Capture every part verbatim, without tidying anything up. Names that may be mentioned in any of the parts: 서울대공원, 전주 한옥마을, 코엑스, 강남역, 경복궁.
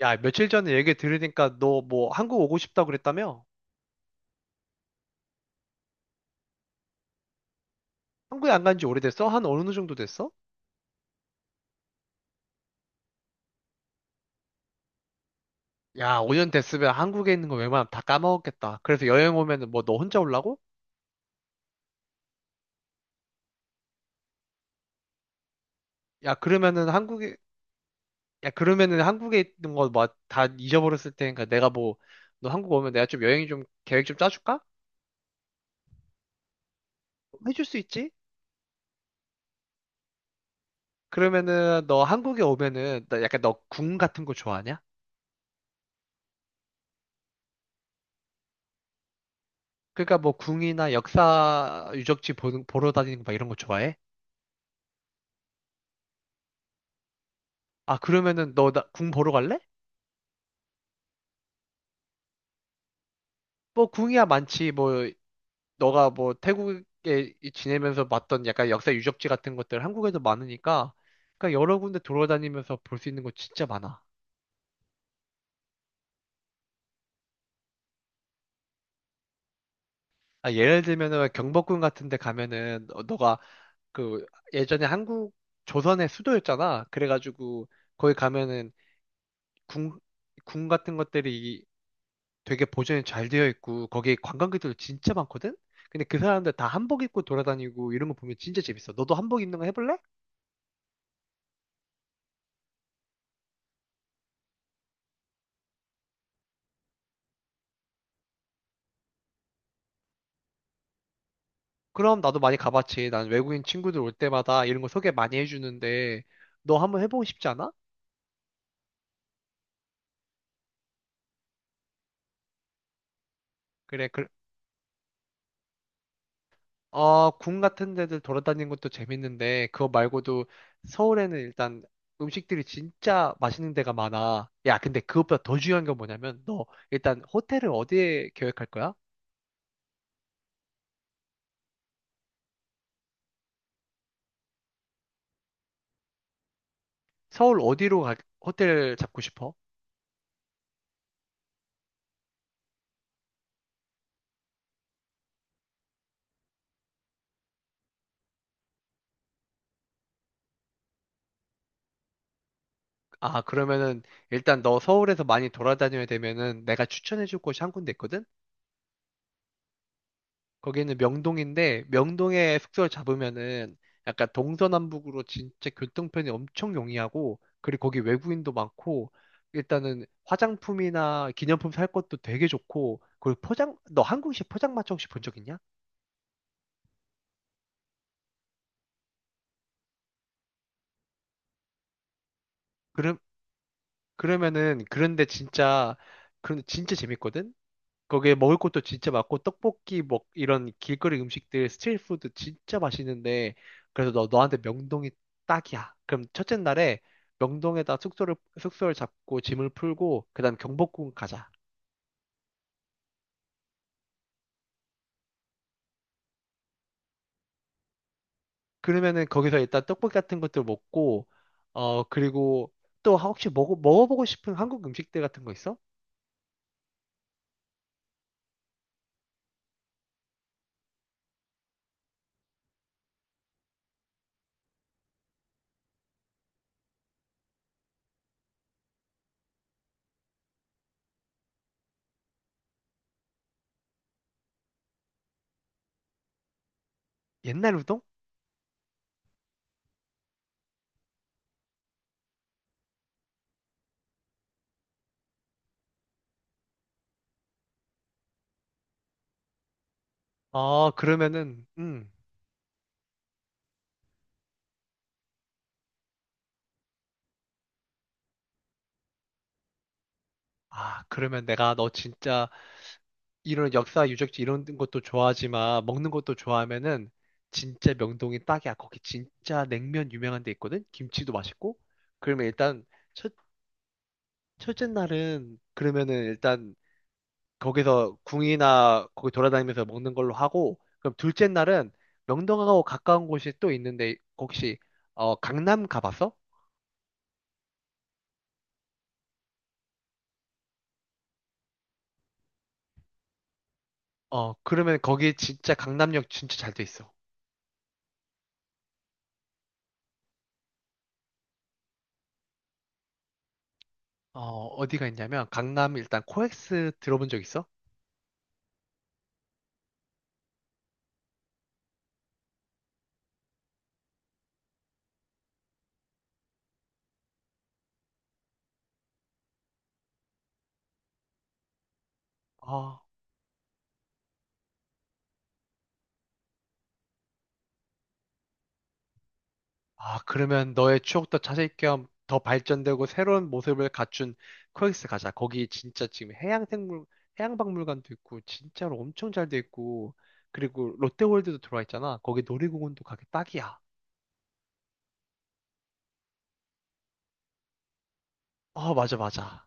야, 며칠 전에 얘기 들으니까 너 뭐 한국 오고 싶다고 그랬다며? 한국에 안 간지 오래됐어? 한 어느 정도 됐어? 야, 오 년 됐으면 한국에 있는 거 웬만하면 다 까먹었겠다. 그래서 여행 오면은 뭐 너 혼자 올라고? 야, 그러면은 한국에, 야, 그러면은 한국에 있는 거 뭐 다 잊어버렸을 테니까 내가 뭐, 너 한국 오면 내가 좀 여행 좀 계획 좀 짜줄까? 해줄 수 있지? 그러면은 너 한국에 오면은 나 약간 너 궁 같은 거 좋아하냐? 그러니까 뭐 궁이나 역사 유적지 보 보러 다니는 거 막 이런 거 좋아해? 아, 그러면은 너 나 궁 보러 갈래? 뭐 궁이야 많지 뭐. 너가 뭐 태국에 이- 지내면서 봤던 약간 역사 유적지 같은 것들 한국에도 많으니까 그러니까 여러 군데 돌아다니면서 볼 수 있는 거 진짜 많아. 아, 예를 들면은 경복궁 같은 데 가면은 너- 너가 그 예전에 한국 조선의 수도였잖아. 그래가지고 거기 가면은 궁, 궁 같은 것들이 되게 보존이 잘 되어 있고 거기 관광객들 진짜 많거든? 근데 그 사람들 다 한복 입고 돌아다니고 이런 거 보면 진짜 재밌어. 너도 한복 입는 거 해볼래? 그럼 나도 많이 가봤지. 난 외국인 친구들 올 때마다 이런 거 소개 많이 해주는데, 너 한번 해보고 싶지 않아? 그래, 그, 어, 궁 같은 데들 돌아다니는 것도 재밌는데, 그거 말고도 서울에는 일단 음식들이 진짜 맛있는 데가 많아. 야, 근데 그것보다 더 중요한 건 뭐냐면, 너 일단 호텔을 어디에 계획할 거야? 서울 어디로 가, 호텔 잡고 싶어? 아, 그러면은 일단 너 서울에서 많이 돌아다녀야 되면은 내가 추천해줄 곳이 한 군데 있거든? 거기는 명동인데 명동에 숙소를 잡으면은 약간 동서남북으로 진짜 교통편이 엄청 용이하고 그리고 거기 외국인도 많고 일단은 화장품이나 기념품 살 것도 되게 좋고 그리고 포장 너 한국식 포장마차 혹시 본 적 있냐? 그럼. 그러면은 그런데 진짜 그런데 진짜 재밌거든? 거기에 먹을 것도 진짜 많고 떡볶이 먹 이런 길거리 음식들 스트리트푸드 진짜 맛있는데 그래서 너 너한테 명동이 딱이야. 그럼 첫째 날에 명동에다 숙소를 숙소를 잡고 짐을 풀고 그다음 경복궁 가자. 그러면은 거기서 일단 떡볶이 같은 것들 먹고 어, 그리고 또 혹시 먹어 먹어보고 싶은 한국 음식들 같은 거 있어? 옛날 우동? 아, 그러면은 음. 아, 그러면 내가 너 진짜 이런 역사 유적지 이런 것도 좋아하지만 먹는 것도 좋아하면은 진짜 명동이 딱이야. 거기 진짜 냉면 유명한 데 있거든. 김치도 맛있고. 그러면 일단 첫 첫째 날은 그러면은 일단 거기서 궁이나 거기 돌아다니면서 먹는 걸로 하고 그럼 둘째 날은 명동하고 가까운 곳이 또 있는데 혹시 어, 강남 가봤어? 어, 그러면 거기 진짜 강남역 진짜 잘 돼 있어. 어, 어디가 있냐면 강남 일단 코엑스 들어본 적 있어? 아 아, 그러면 너의 추억도 찾을 겸 더 발전되고 새로운 모습을 갖춘 코엑스 가자. 거기 진짜 지금 해양생물, 해양박물관도 있고, 진짜로 엄청 잘 돼 있고, 그리고 롯데월드도 들어와 있잖아. 거기 놀이공원도 가기 딱이야. 어, 맞아, 맞아.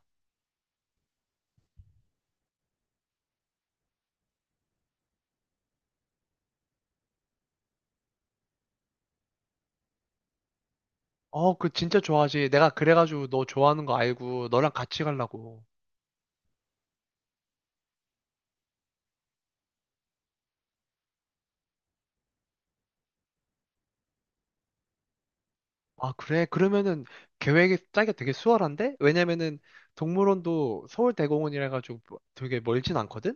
어, 그 진짜 좋아하지. 내가 그래가지고 너 좋아하는 거 알고 너랑 같이 가려고. 아, 그래? 그러면은 계획이 짜기가 되게 수월한데? 왜냐면은 동물원도 서울대공원이라 해가지고 되게 멀진 않거든?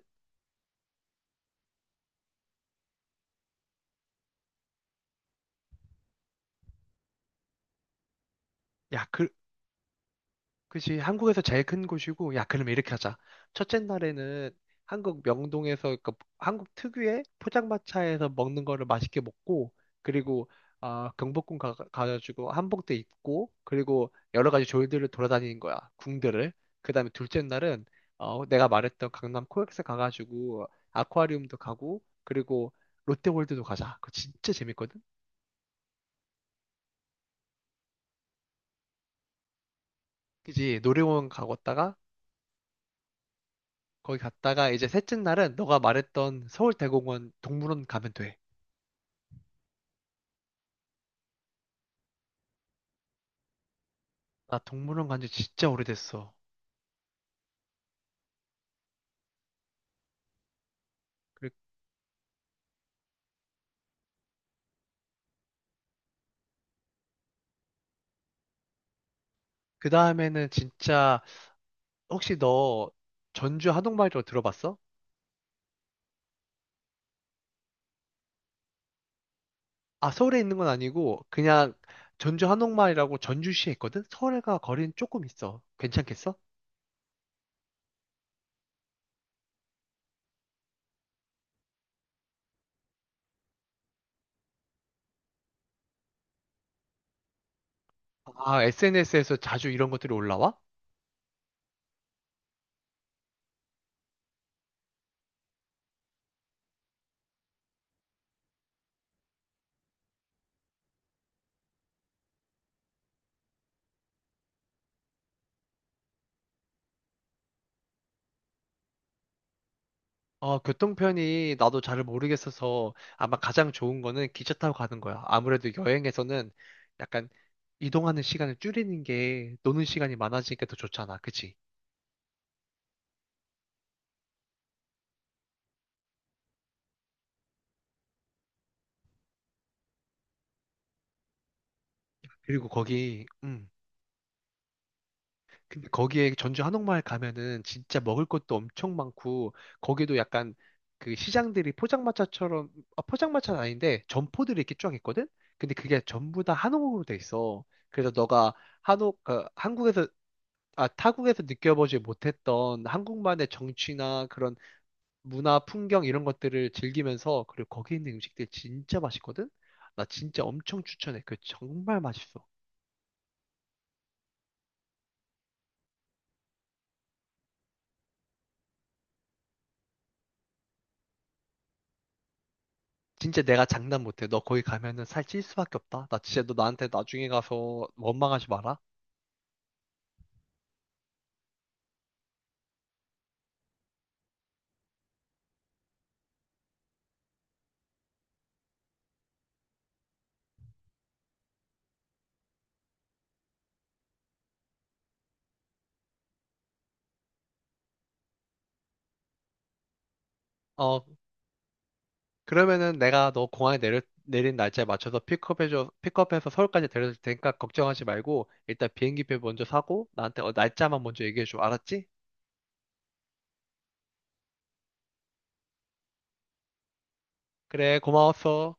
야, 그, 그치, 한국에서 제일 큰 곳이고, 야, 그러면 이렇게 하자. 첫째 날에는 한국 명동에서, 그 한국 특유의 포장마차에서 먹는 거를 맛있게 먹고, 그리고, 아, 경복궁 가, 가가지고 한복도 입고, 그리고 여러 가지 졸들을 돌아다니는 거야. 궁들을. 그 다음에 둘째 날은, 어, 내가 말했던 강남 코엑스 가가지고, 아쿠아리움도 가고, 그리고 롯데월드도 가자. 그거 진짜 재밌거든? 그치, 놀이공원 가고 왔다가, 거기 갔다가 이제 셋째 날은 너가 말했던 서울대공원 동물원 가면 돼. 나 동물원 간지 진짜 오래됐어. 그리고 그 다음에는 진짜 혹시 너 전주 한옥마을이라고 들어봤어? 아, 서울에 있는 건 아니고 그냥 전주 한옥마을이라고 전주시에 있거든? 서울과 거리는 조금 있어. 괜찮겠어? 아, 에스엔에스에서 자주 이런 것들이 올라와? 어, 교통편이 나도 잘 모르겠어서 아마 가장 좋은 거는 기차 타고 가는 거야. 아무래도 여행에서는 약간 이동하는 시간을 줄이는 게 노는 시간이 많아지니까 더 좋잖아. 그치? 그리고 거기, 음. 근데 거기에 전주 한옥마을 가면은 진짜 먹을 것도 엄청 많고 거기도 약간 그 시장들이 포장마차처럼, 아, 포장마차는 아닌데 점포들이 이렇게 쫙 있거든? 근데 그게 전부 다 한옥으로 돼 있어. 그래서 너가 한옥, 그 한국에서 아, 타국에서 느껴보지 못했던 한국만의 정취나 그런 문화, 풍경 이런 것들을 즐기면서 그리고 거기 있는 음식들 진짜 맛있거든? 나 진짜 엄청 추천해. 그 정말 맛있어. 진짜 내가 장난 못해. 너 거기 가면은 살찔 수밖에 없다. 나 진짜 너 나한테 나중에 가서 원망하지 마라. 어, 그러면은 내가 너 공항에 내려, 내린 날짜에 맞춰서 픽업해줘, 픽업해서 서울까지 데려다 줄 테니까 걱정하지 말고 일단 비행기표 먼저 사고 나한테 어, 날짜만 먼저 얘기해줘. 알았지? 그래, 고마웠어.